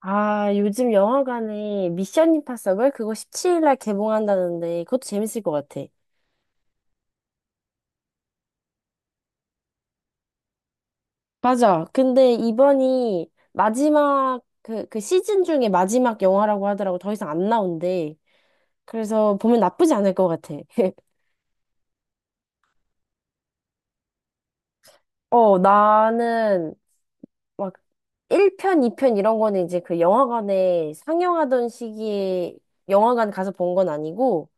아, 요즘 영화관에 미션 임파서블 그거 17일 날 개봉한다는데 그것도 재밌을 것 같아. 맞아. 근데 이번이 마지막 그 시즌 중에 마지막 영화라고 하더라고. 더 이상 안 나온대. 그래서 보면 나쁘지 않을 것 같아. 어, 나는 막 1편, 2편 이런 거는 이제 그 영화관에 상영하던 시기에 영화관 가서 본 건 아니고,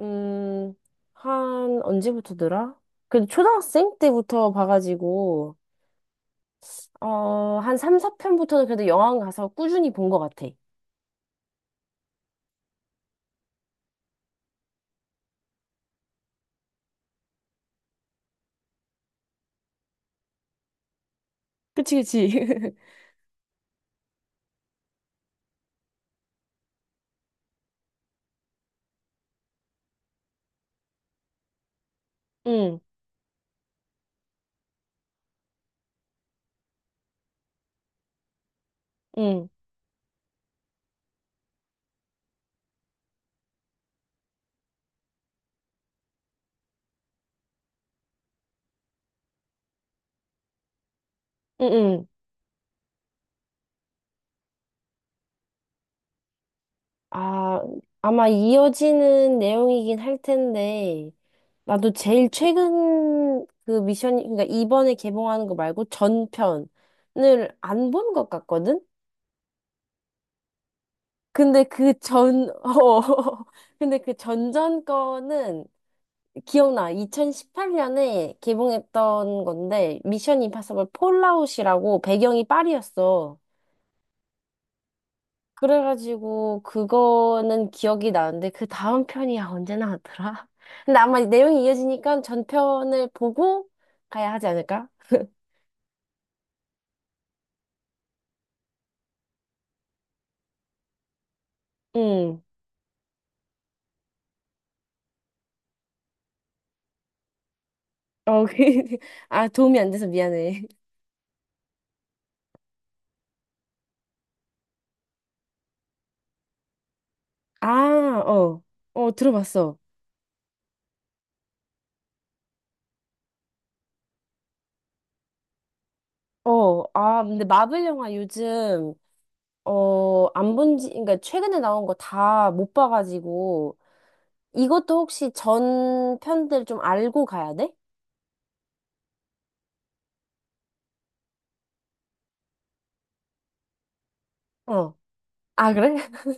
음, 한 언제부터더라? 그 초등학생 때부터 봐가지고, 어, 한 3, 4편부터는 그래도 영화관 가서 꾸준히 본 것 같아. 그치, 그치. 응, 응, 응, 응. 아, 아마 이어지는 내용이긴 할 텐데, 나도 제일 최근 그 미션, 그러니까 이번에 개봉하는 거 말고 전편을 안 본 것 같거든? 근데 그 전, 어, 근데 그 전전 거는 기억나. 2018년에 개봉했던 건데, 미션 임파서블 폴아웃이라고 배경이 파리였어. 그래가지고, 그거는 기억이 나는데, 그 다음 편이 야 언제 나왔더라? 근데 아마 내용이 이어지니까 전편을 보고 가야 하지 않을까? 응. 어, 그- 아, 도움이 안 돼서 미안해. 아, 어. 어, 들어봤어. 어, 아, 근데 마블 영화 요즘, 어, 안 본 지, 그러니까 최근에 나온 거 다 못 봐가지고, 이것도 혹시 전 편들 좀 알고 가야 돼? 어. 아, 그래?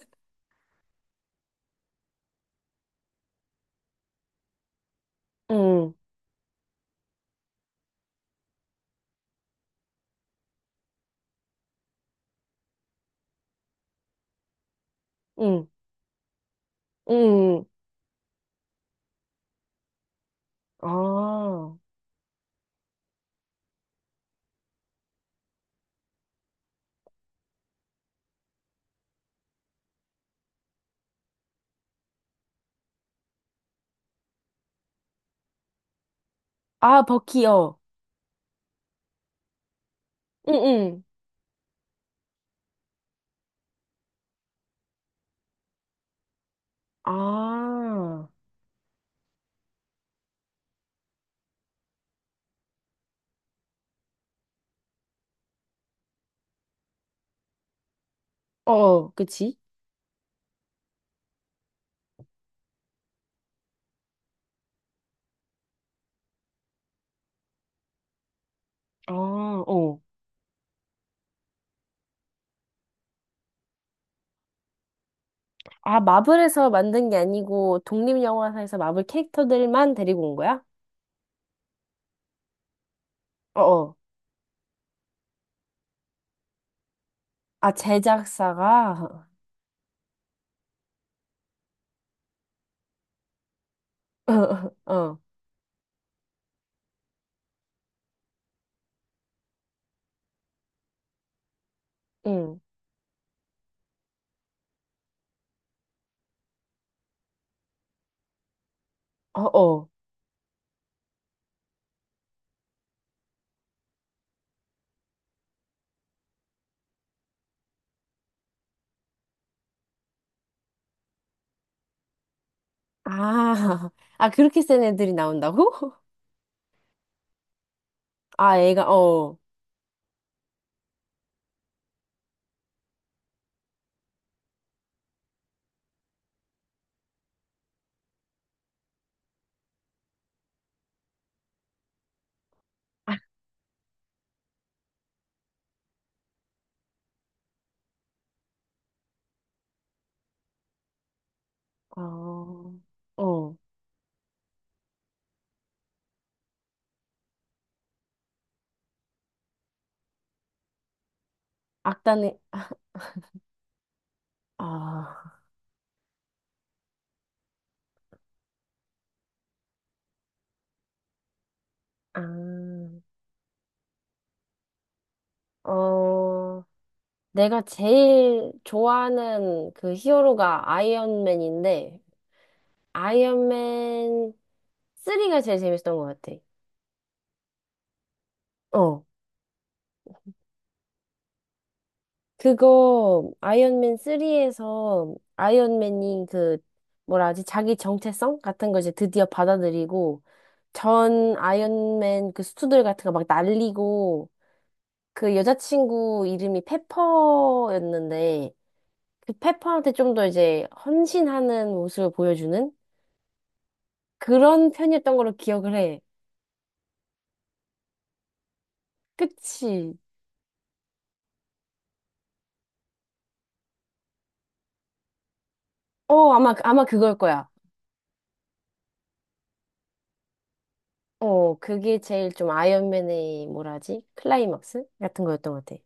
응, 응, 응. 아. 아, 버키, 어. 응, 응. 아. 어, 그치? 아, 어. 아, 마블에서 만든 게 아니고 독립영화사에서 마블 캐릭터들만 데리고 온 거야? 어, 어. 아, 제작사가? 어, 응. 어, 어. 아. 아, 그렇게 센 애들이 나온다고? 아, 애가, 어. 어, 어, 악단에, 아, 아, 어, 내가 제일 좋아하는 그 히어로가 아이언맨인데, 아이언맨 3가 제일 재밌었던 것 같아. 어, 그거, 아이언맨 3에서 아이언맨이 그, 뭐라 하지, 자기 정체성 같은 걸 이제 드디어 받아들이고, 전 아이언맨 그 수트들 같은 거 막 날리고, 그 여자친구 이름이 페퍼였는데 그 페퍼한테 좀 더 이제 헌신하는 모습을 보여주는 그런 편이었던 걸로 기억을 해. 그치? 어, 아마 그걸 거야. 어, 그게 제일 좀 아이언맨의 뭐라 하지? 클라이막스 같은 거였던 것 같아.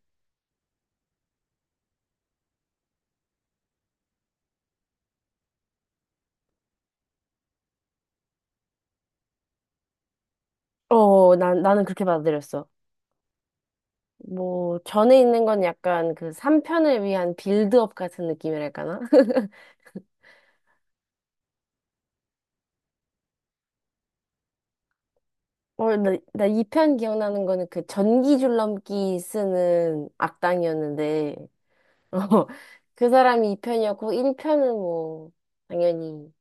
어, 난 나는 그렇게 받아들였어. 뭐 전에 있는 건 약간 그 3편을 위한 빌드업 같은 느낌이랄까나? 어, 나 2편 기억나는 거는 그 전기 줄넘기 쓰는 악당이었는데, 어, 그 사람이 2편이었고, 1편은 뭐, 당연히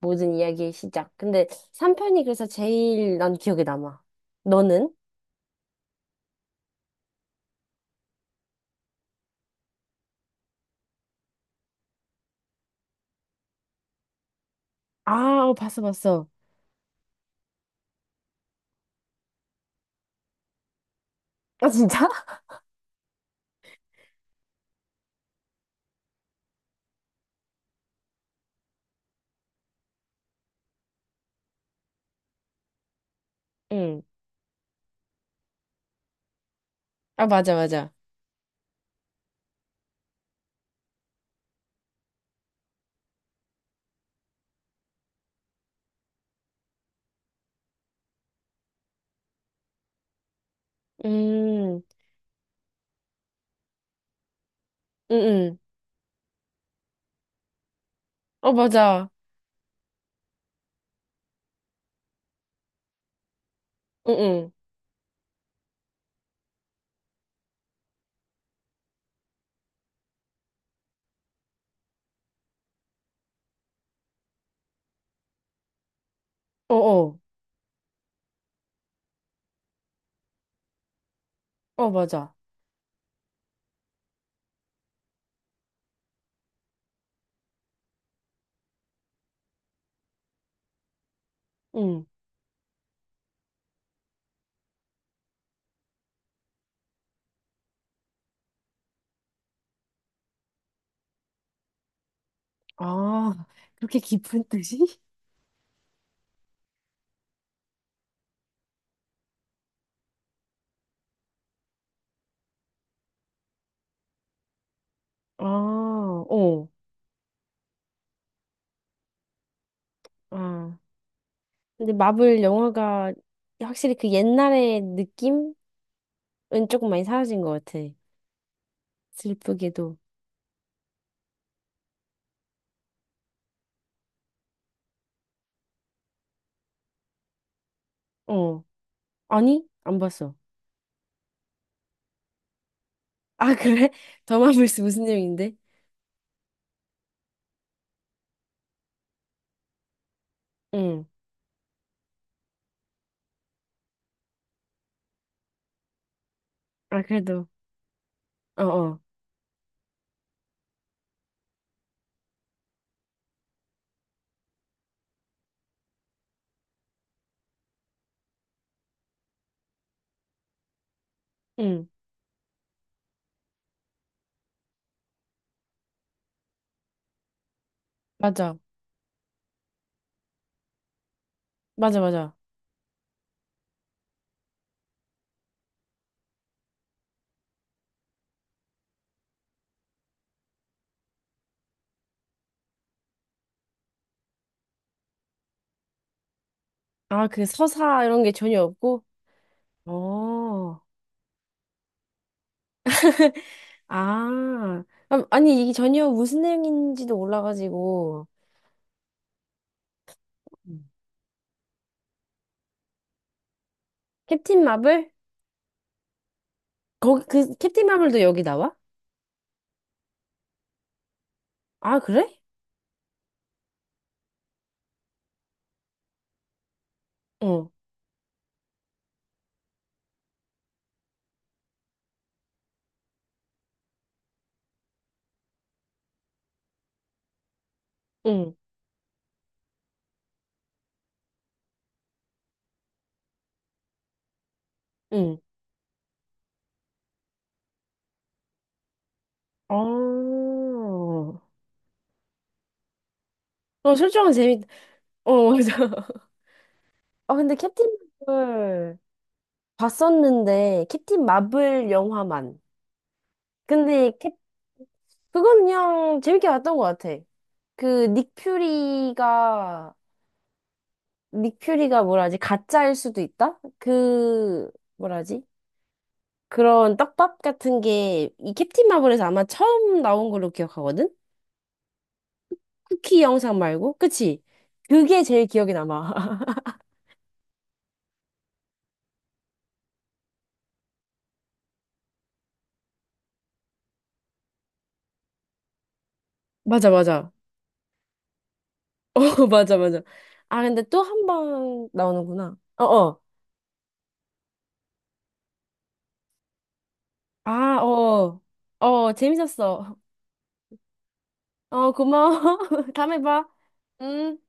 모든 이야기의 시작. 근데 3편이 그래서 제일 난 기억에 남아. 너는? 아, 어, 봤어, 봤어. 아, 진짜? 응. 아, 맞아, 맞아. 음, 응, 응. 어, 맞아. 응, 응. 어, 어. 어, 맞아. 응. 아, 그렇게 깊은 뜻이? 아, 어. 아. 근데 마블 영화가 확실히 그 옛날의 느낌은 조금 많이 사라진 것 같아. 슬프게도. 어. 아니? 안 봤어. 아, 그래? 더 마블스 무슨 내용인데? 응. 아, 그래도. 어, 어. 응. 맞아. 맞아, 맞아. 아, 그 서사 이런 게 전혀 없고? 어. 아. 아, 아니, 이게 전혀 무슨 내용인지도 몰라가지고. 음. 캡틴 마블? 거기, 그, 캡틴 마블도 여기 나와? 아, 그래? 어. 응. 응. 어, 어, 설정은 재밌, 어, 맞아. 아, 근데 캡틴 마블 봤었는데, 캡틴 마블 영화만. 근데 캡, 그건 그냥 재밌게 봤던 것 같아. 그, 닉 퓨리가, 닉 퓨리가 뭐라지? 가짜일 수도 있다? 그, 뭐라지? 그런 떡밥 같은 게, 이 캡틴 마블에서 아마 처음 나온 걸로 기억하거든? 쿠키 영상 말고? 그치? 그게 제일 기억에 남아. 맞아, 맞아. 어, 맞아, 맞아. 아, 근데 또 한 번 나오는구나. 어, 어. 아, 어. 어, 재밌었어. 어, 고마워. 다음에 봐. 음.